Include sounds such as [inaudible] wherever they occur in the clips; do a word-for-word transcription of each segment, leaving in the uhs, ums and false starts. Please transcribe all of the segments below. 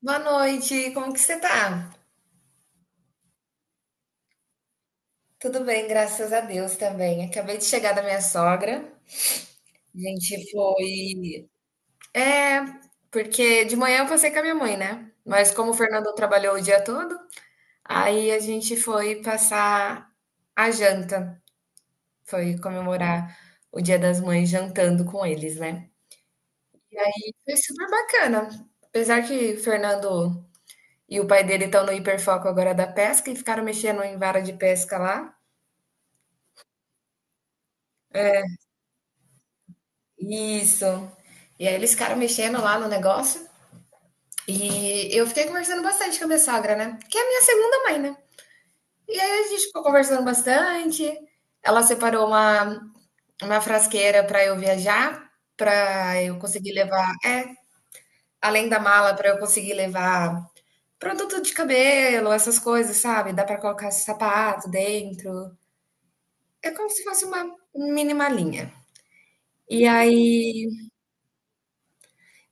Boa noite, como que você tá? Tudo bem, graças a Deus também. Acabei de chegar da minha sogra. A gente foi. É, porque de manhã eu passei com a minha mãe, né? Mas como o Fernando trabalhou o dia todo, aí a gente foi passar a janta. Foi comemorar o Dia das Mães jantando com eles, né? Foi super bacana. Apesar que o Fernando e o pai dele estão no hiperfoco agora da pesca e ficaram mexendo em vara de pesca lá. Isso. E aí eles ficaram mexendo lá no negócio. E eu fiquei conversando bastante com a minha sogra, né? Que é a minha segunda mãe, né? E aí a gente ficou conversando bastante. Ela separou uma, uma frasqueira para eu viajar, para eu conseguir levar, é, além da mala, para eu conseguir levar produto de cabelo, essas coisas, sabe? Dá para colocar sapato dentro. É como se fosse uma mini malinha. E aí,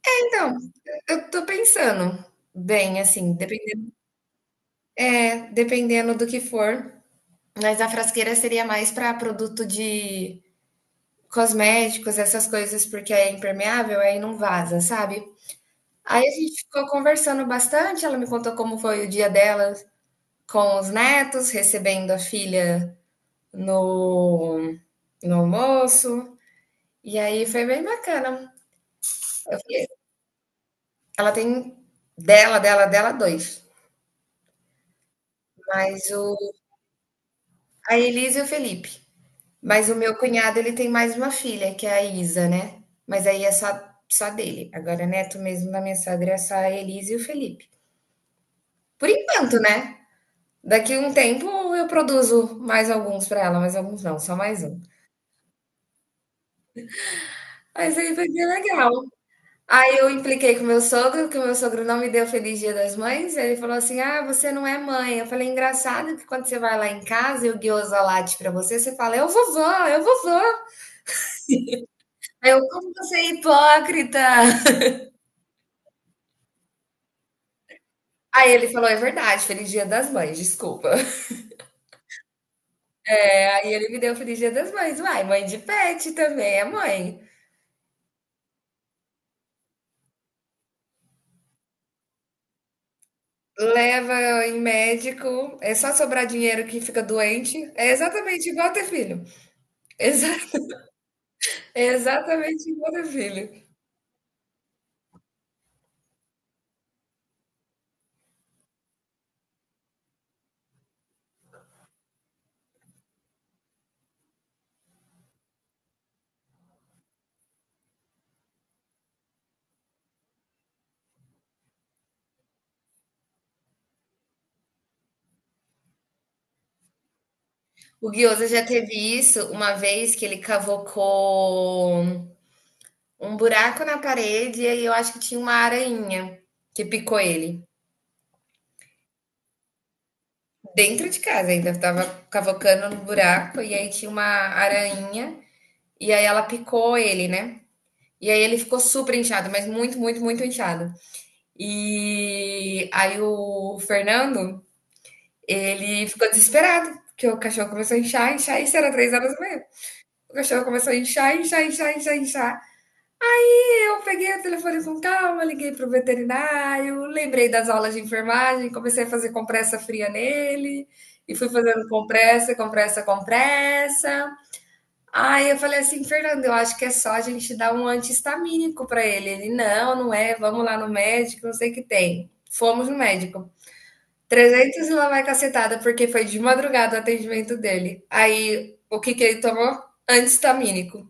então, eu tô pensando bem, assim. É, dependendo do que for. Mas a frasqueira seria mais para produto de cosméticos, essas coisas, porque é impermeável, aí não vaza, sabe? Aí a gente ficou conversando bastante. Ela me contou como foi o dia dela com os netos, recebendo a filha no, no almoço. E aí foi bem bacana. Eu falei, ela tem dela, dela, dela, dois. Mas o, a Elisa e o Felipe. Mas o meu cunhado, ele tem mais uma filha, que é a Isa, né, mas aí é só só dele. Agora neto mesmo da minha sogra é só a Elisa e o Felipe. Por enquanto, né, daqui um tempo eu produzo mais alguns pra ela, mais alguns não, só mais um. Mas aí vai ser legal. Aí eu impliquei com o meu sogro, que o meu sogro não me deu feliz dia das mães, ele falou assim: "Ah, você não é mãe". Eu falei: "Engraçado que quando você vai lá em casa e o guiosa late pra você, você fala: "Eu vovó, eu vovó". Aí eu: "Como você é hipócrita". Aí ele falou: "É verdade, feliz dia das mães, desculpa". [laughs] Aí ele me deu feliz dia das mães. Uai, mãe de pet também é mãe. Leva em médico, é só sobrar dinheiro que fica doente. É exatamente igual ter filho. Exa [laughs] é exatamente igual ter filho. O Guioza já teve isso uma vez que ele cavocou um buraco na parede e aí eu acho que tinha uma aranha que picou ele. Dentro de casa ainda. Tava cavocando no buraco e aí tinha uma aranha. E aí ela picou ele, né? E aí ele ficou super inchado, mas muito, muito, muito inchado. E aí o Fernando, ele ficou desesperado, porque o cachorro começou a inchar, inchar, isso era três horas e meia. O cachorro começou a inchar, inchar, inchar, inchar, inchar. E eu peguei o telefone com calma, liguei pro veterinário, lembrei das aulas de enfermagem, comecei a fazer compressa fria nele, e fui fazendo compressa, compressa, compressa. Aí eu falei assim, Fernando, eu acho que é só a gente dar um anti-histamínico para ele. Ele, não, não é, vamos lá no médico, não sei o que tem. Fomos no médico. Trezentos e lá vai cacetada, porque foi de madrugada o atendimento dele. Aí, o que que ele tomou? Anti-histamínico.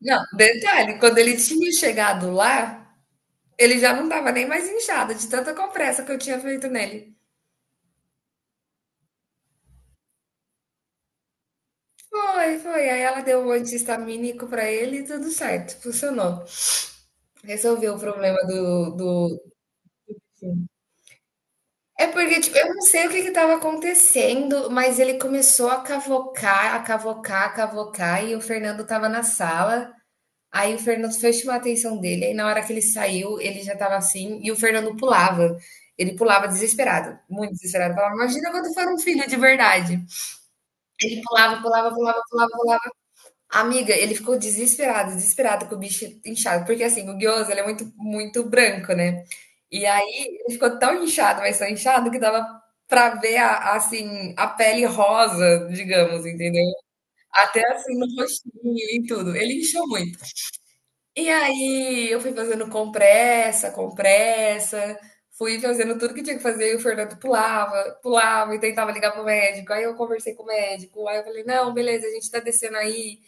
Não, detalhe, quando ele tinha chegado lá, ele já não tava nem mais inchado, de tanta compressa que eu tinha feito nele. Foi, foi. Aí ela deu um anti-histamínico para ele e tudo certo, funcionou. Resolveu o problema do, do, é porque, tipo, eu não sei o que que estava acontecendo, mas ele começou a cavocar, a cavocar, a cavocar, e o Fernando estava na sala. Aí o Fernando foi chamar a atenção dele, aí na hora que ele saiu, ele já estava assim, e o Fernando pulava. Ele pulava desesperado, muito desesperado. Falava, imagina quando for um filho de verdade. Ele pulava, pulava, pulava, pulava, pulava. Amiga, ele ficou desesperado, desesperado com o bicho inchado, porque assim, o gyoza, ele é muito, muito branco, né? E aí ele ficou tão inchado, mas tão inchado que dava pra ver a, assim, a pele rosa, digamos, entendeu? Até assim no rostinho e tudo. Ele inchou muito. E aí eu fui fazendo compressa, compressa, fui fazendo tudo que tinha que fazer, e o Fernando pulava, pulava e tentava ligar pro médico. Aí eu conversei com o médico, aí eu falei, não, beleza, a gente tá descendo aí.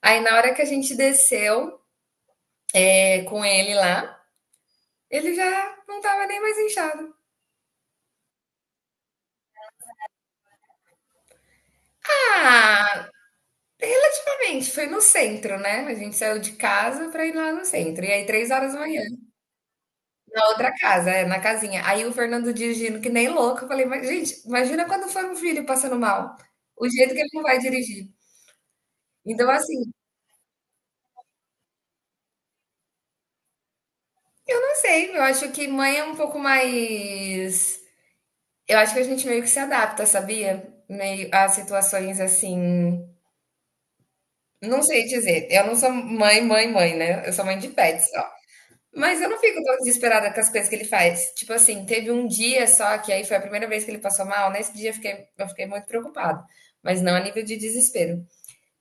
Aí na hora que a gente desceu é, com ele lá, ele já não tava nem mais inchado. Ah, realmente, foi no centro, né? A gente saiu de casa pra ir lá no centro. E aí, três horas da manhã, na outra casa, é, na casinha. Aí o Fernando dirigindo que nem louco. Eu falei, mas, gente, imagina quando for um filho passando mal. O jeito que ele não vai dirigir. Então, assim, eu não sei. Eu acho que mãe é um pouco mais. Eu acho que a gente meio que se adapta, sabia? Meio a situações assim. Não sei dizer, eu não sou mãe, mãe, mãe, né, eu sou mãe de pet só. Mas eu não fico tão desesperada com as coisas que ele faz. Tipo assim, teve um dia só que aí foi a primeira vez que ele passou mal, nesse dia eu fiquei eu fiquei muito preocupada, mas não a nível de desespero,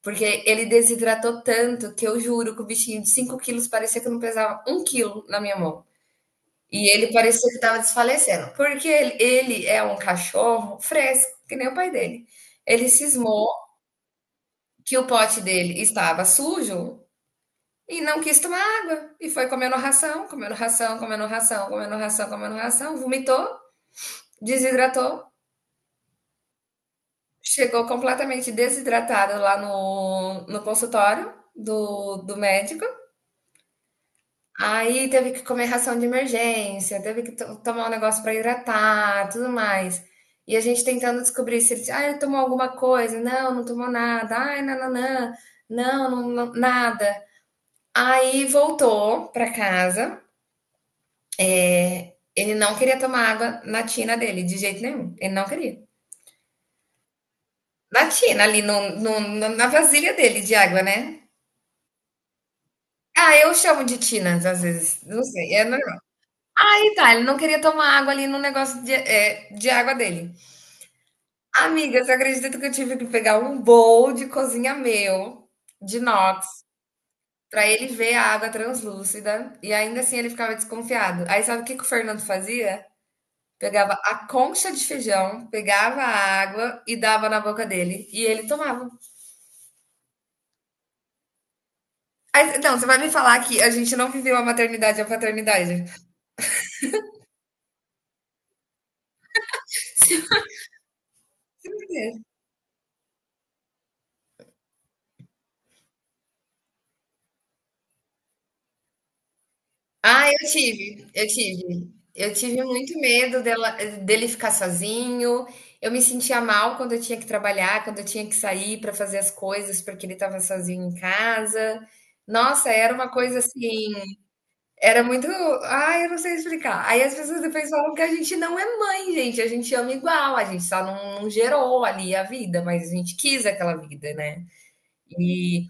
porque ele desidratou tanto que eu juro que o bichinho de cinco quilos parecia que não pesava um quilo na minha mão. E ele parecia que estava desfalecendo, porque ele ele é um cachorro fresco, que nem o pai dele. Ele cismou que o pote dele estava sujo e não quis tomar água. E foi comendo ração, comendo ração, comendo ração, comendo ração, comendo ração. Vomitou, desidratou. Chegou completamente desidratado lá no, no consultório do, do médico. Aí teve que comer ração de emergência, teve que to- tomar um negócio para hidratar, tudo mais. E a gente tentando descobrir se ele, ah, ele tomou alguma coisa. Não, não tomou nada. Ai, nananã. Não, não, não, nada. Aí voltou para casa. É, ele não queria tomar água na tina dele, de jeito nenhum. Ele não queria. Na tina, ali no, no- no- na vasilha dele de água, né? Ah, eu chamo de tinas às vezes. Não sei. É normal. Aí tá, ele não queria tomar água ali no negócio de, é, de água dele. Amiga, você acredita que eu tive que pegar um bowl de cozinha meu, de inox, pra ele ver a água translúcida? E ainda assim ele ficava desconfiado. Aí sabe o que que o Fernando fazia? Pegava a concha de feijão, pegava a água e dava na boca dele. E ele tomava. Aí, não, você vai me falar que a gente não viveu a maternidade e a paternidade. É. Ah, eu tive, eu tive. Eu tive muito medo dela, dele ficar sozinho. Eu me sentia mal quando eu tinha que trabalhar, quando eu tinha que sair para fazer as coisas, porque ele estava sozinho em casa. Nossa, era uma coisa assim. Era muito, ai, eu não sei explicar. Aí as pessoas depois falam que a gente não é mãe, gente, a gente ama igual, a gente só não não gerou ali a vida, mas a gente quis aquela vida, né. E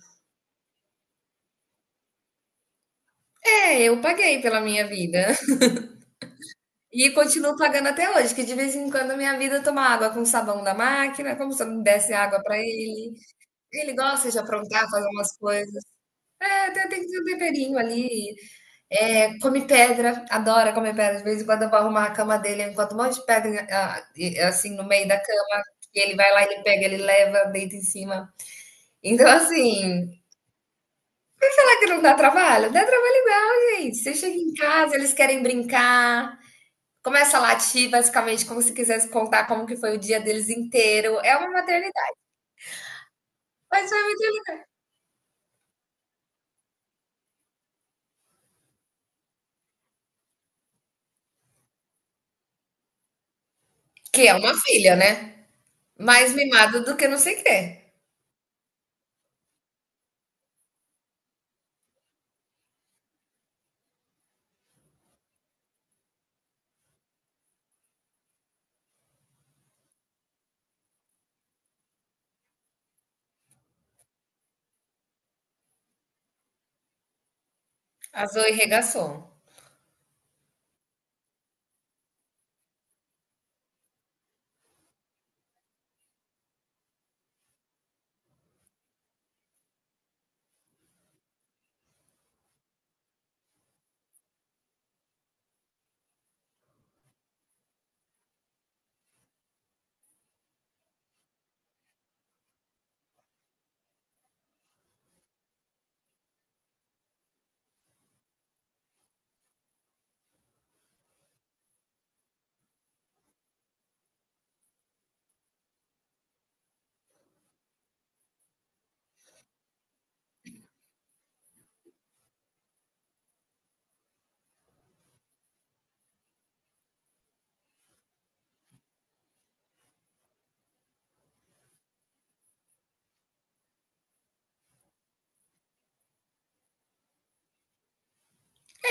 é, eu paguei pela minha vida [laughs] e continuo pagando até hoje, que de vez em quando a minha vida toma água com sabão da máquina, como se eu não desse água pra ele. Ele gosta de aprontar, fazer umas coisas. É, tem tem que ter um temperinho ali. É, come pedra, adora comer pedra. De vez em quando eu vou arrumar a cama dele, eu encontro um monte de pedra, ah, e assim, no meio da cama, e ele vai lá, ele pega, ele leva, deita em cima. Então, assim, será que não dá trabalho? Dá trabalho igual, gente. Você chega em casa, eles querem brincar, começa a latir, basicamente, como se quisesse contar como que foi o dia deles inteiro. É uma maternidade. Mas foi muito... Que é uma filha, né? Mais mimada do que não sei o quê. A Zoe regaçou.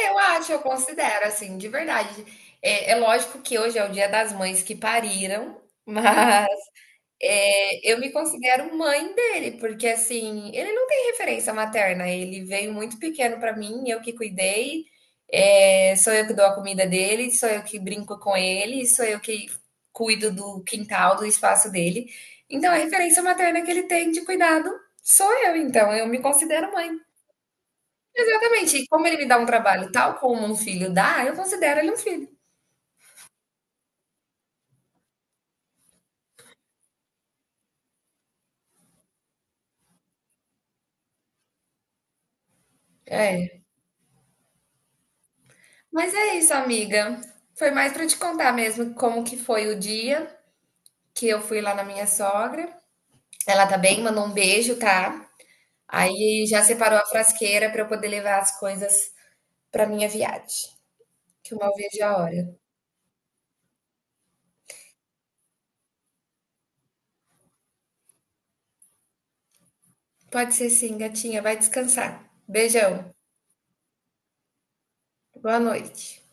Eu acho, eu considero, assim, de verdade. É, é lógico que hoje é o Dia das Mães que pariram, [laughs] mas é, eu me considero mãe dele, porque assim, ele não tem referência materna, ele veio muito pequeno para mim, eu que cuidei, é, sou eu que dou a comida dele, sou eu que brinco com ele, sou eu que cuido do quintal, do espaço dele. Então, a referência materna que ele tem de cuidado sou eu, então eu me considero mãe. Exatamente. E como ele me dá um trabalho tal como um filho dá, eu considero ele um filho. É. Mas é isso, amiga. Foi mais para te contar mesmo como que foi o dia que eu fui lá na minha sogra. Ela tá bem, mandou um beijo, tá? Aí já separou a frasqueira para eu poder levar as coisas para minha viagem, que eu mal vejo a hora. Pode ser sim, gatinha, vai descansar. Beijão. Boa noite.